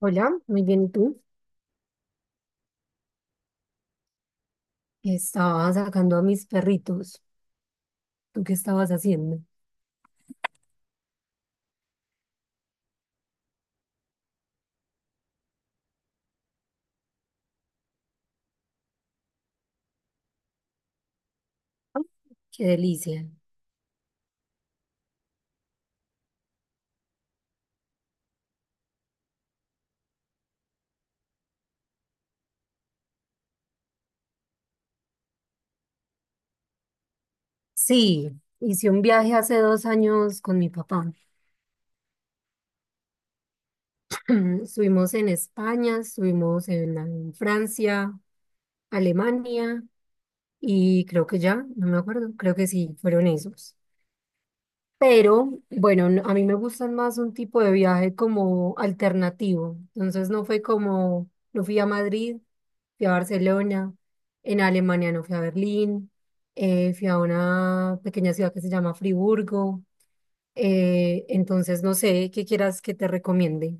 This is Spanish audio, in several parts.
Hola, muy bien, ¿y tú? Estaba sacando a mis perritos. ¿Tú qué estabas haciendo? Qué delicia. Sí, hice un viaje hace 2 años con mi papá. Estuvimos en España, estuvimos en Francia, Alemania y creo que ya, no me acuerdo, creo que sí, fueron esos. Pero bueno, a mí me gustan más un tipo de viaje como alternativo. Entonces no fue como, no fui a Madrid, fui a Barcelona, en Alemania no fui a Berlín, fui a una pequeña ciudad que se llama Friburgo. Entonces, no sé, ¿qué quieras que te recomiende?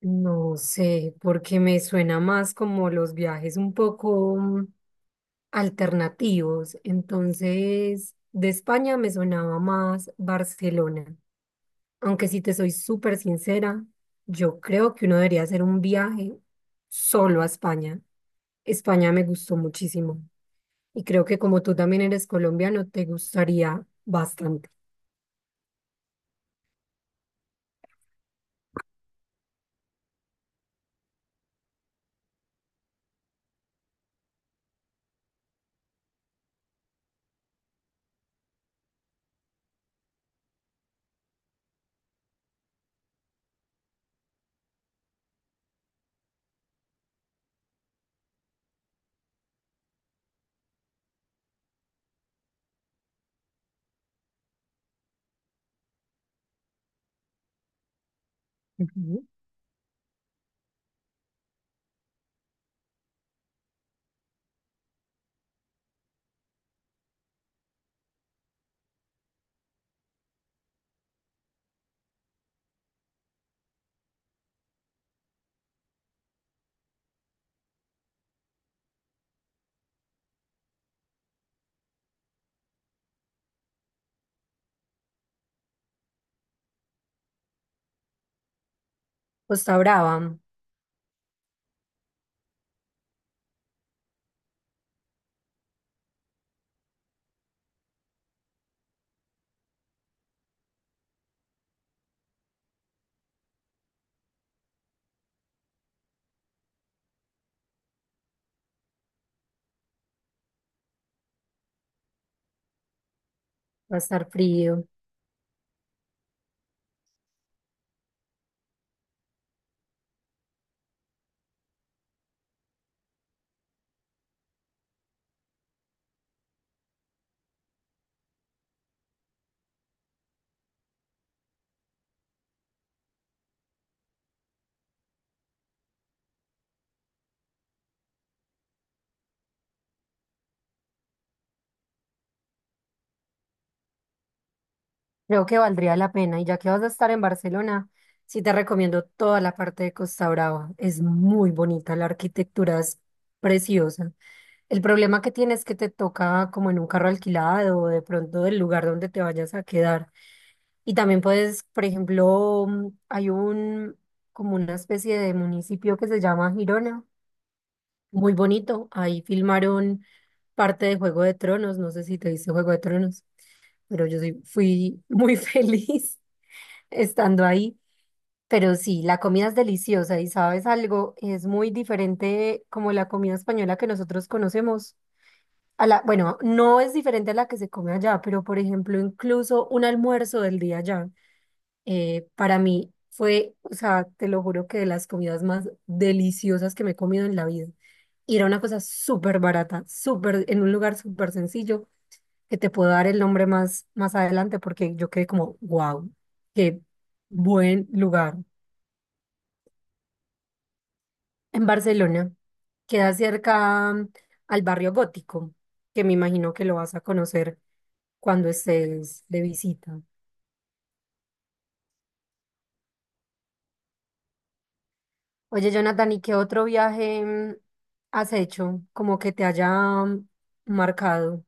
No sé, porque me suena más como los viajes un poco alternativos. Entonces, de España me sonaba más Barcelona. Aunque si te soy súper sincera, yo creo que uno debería hacer un viaje solo a España. España me gustó muchísimo y creo que como tú también eres colombiano, te gustaría bastante. Ujú. Costa Brava. Va a estar frío. Creo que valdría la pena, y ya que vas a estar en Barcelona, sí te recomiendo toda la parte de Costa Brava, es muy bonita, la arquitectura es preciosa. El problema que tienes es que te toca como en un carro alquilado o de pronto del lugar donde te vayas a quedar. Y también puedes, por ejemplo, como una especie de municipio que se llama Girona, muy bonito. Ahí filmaron parte de Juego de Tronos. No sé si te viste Juego de Tronos, pero yo sí fui muy feliz estando ahí. Pero sí, la comida es deliciosa, y sabes algo, es muy diferente como la comida española que nosotros conocemos. A la, bueno, no es diferente a la que se come allá, pero por ejemplo, incluso un almuerzo del día allá. Para mí fue, o sea, te lo juro que de las comidas más deliciosas que me he comido en la vida. Y era una cosa súper barata, súper, en un lugar súper sencillo, que te puedo dar el nombre más, más adelante porque yo quedé como, wow, qué buen lugar. En Barcelona, queda cerca al barrio gótico, que me imagino que lo vas a conocer cuando estés de visita. Oye, Jonathan, ¿y qué otro viaje has hecho? Como que te haya mm, marcado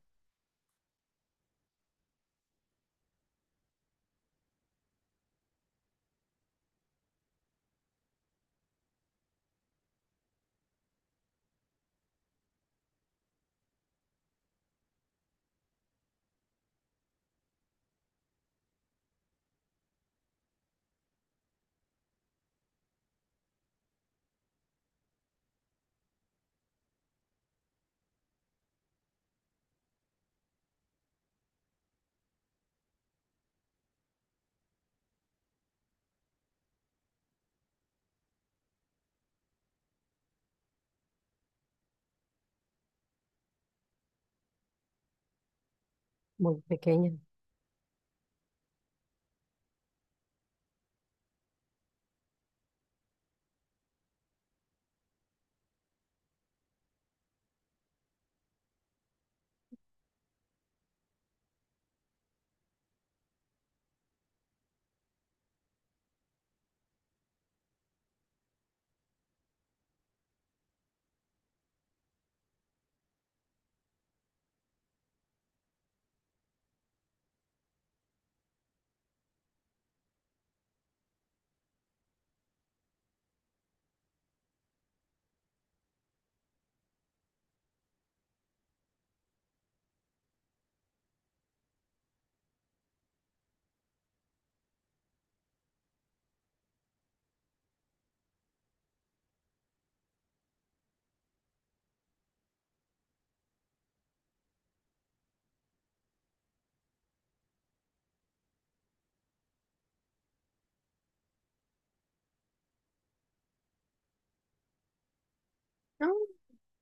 muy pequeña.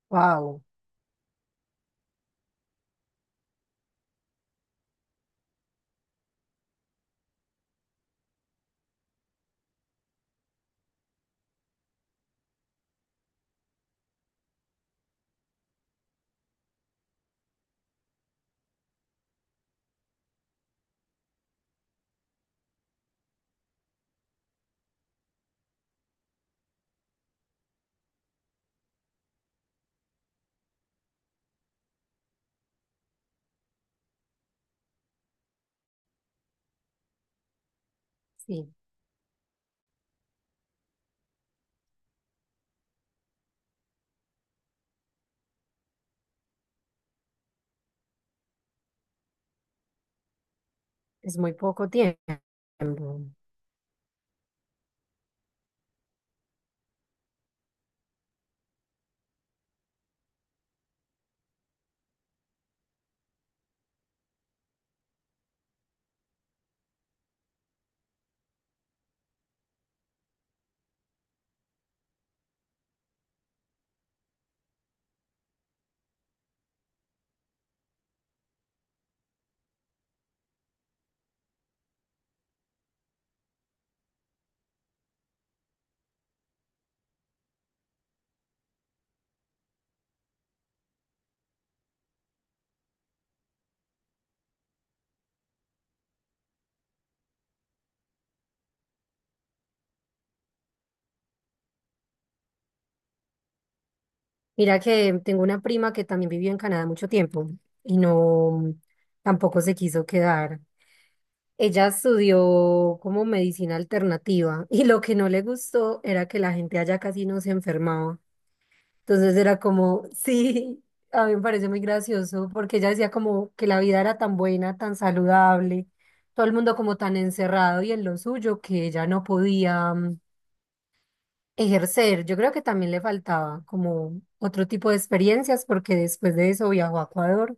Wow, sí, es muy poco tiempo. Mira que tengo una prima que también vivió en Canadá mucho tiempo y no, tampoco se quiso quedar. Ella estudió como medicina alternativa y lo que no le gustó era que la gente allá casi no se enfermaba. Entonces era como, sí, a mí me parece muy gracioso porque ella decía como que la vida era tan buena, tan saludable, todo el mundo como tan encerrado y en lo suyo que ella no podía ejercer. Yo creo que también le faltaba como otro tipo de experiencias porque después de eso viajó a Ecuador.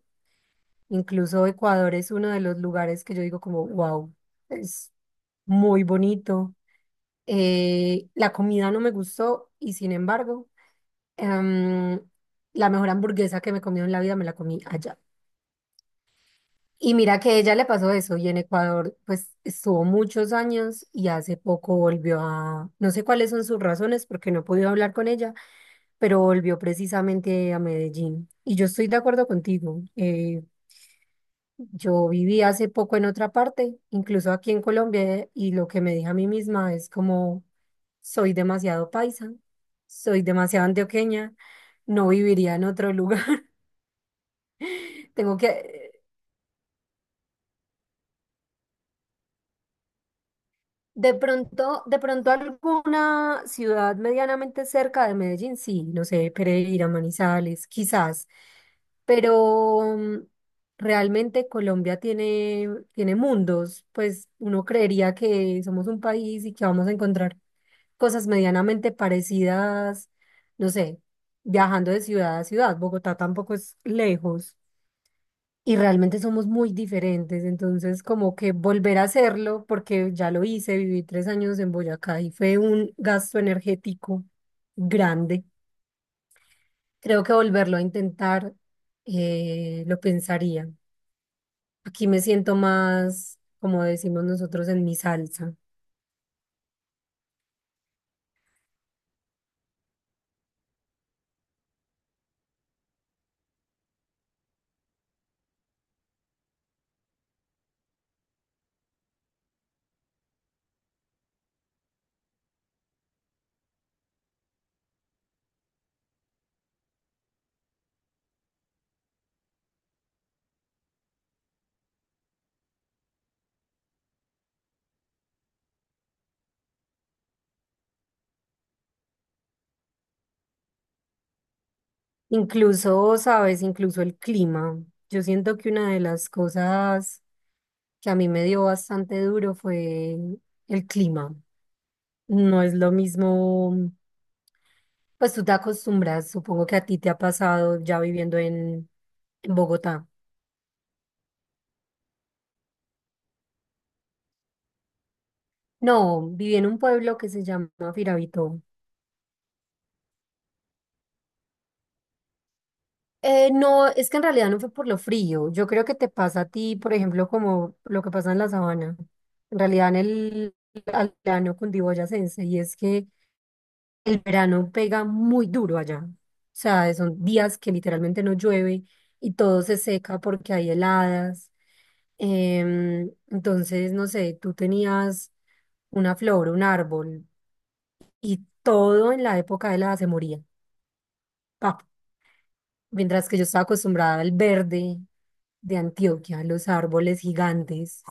Incluso Ecuador es uno de los lugares que yo digo como, wow, es muy bonito. La comida no me gustó y sin embargo... Em, la mejor hamburguesa que me comí en la vida me la comí allá. Y mira que ella le pasó eso, y en Ecuador pues estuvo muchos años y hace poco volvió a, no sé cuáles son sus razones porque no he podido hablar con ella, pero volvió precisamente a Medellín. Y yo estoy de acuerdo contigo. Yo viví hace poco en otra parte, incluso aquí en Colombia, y lo que me dije a mí misma es como soy demasiado paisa, soy demasiado antioqueña, no viviría en otro lugar. Tengo que, de pronto alguna ciudad medianamente cerca de Medellín, sí, no sé, Pereira, Manizales, quizás, pero realmente Colombia tiene, tiene mundos, pues uno creería que somos un país y que vamos a encontrar cosas medianamente parecidas, no sé, viajando de ciudad a ciudad. Bogotá tampoco es lejos. Y realmente somos muy diferentes, entonces como que volver a hacerlo, porque ya lo hice, viví 3 años en Boyacá y fue un gasto energético grande. Creo que volverlo a intentar lo pensaría. Aquí me siento más, como decimos nosotros, en mi salsa. Incluso, sabes, incluso el clima. Yo siento que una de las cosas que a mí me dio bastante duro fue el clima. No es lo mismo, pues tú te acostumbras, supongo que a ti te ha pasado ya viviendo en Bogotá. No, viví en un pueblo que se llama Firavito. No, es que en realidad no fue por lo frío. Yo creo que te pasa a ti, por ejemplo, como lo que pasa en la sabana. En realidad en el altiplano cundiboyacense, y es que el verano pega muy duro allá. O sea, son días que literalmente no llueve y todo se seca porque hay heladas. Entonces, no sé, tú tenías una flor, un árbol y todo en la época de helada se moría. Pa. Mientras que yo estaba acostumbrada al verde de Antioquia, los árboles gigantes.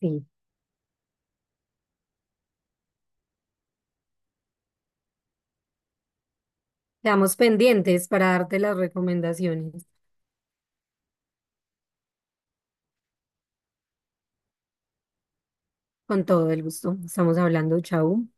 Sí. Quedamos pendientes para darte las recomendaciones. Con todo el gusto. Estamos hablando, chau.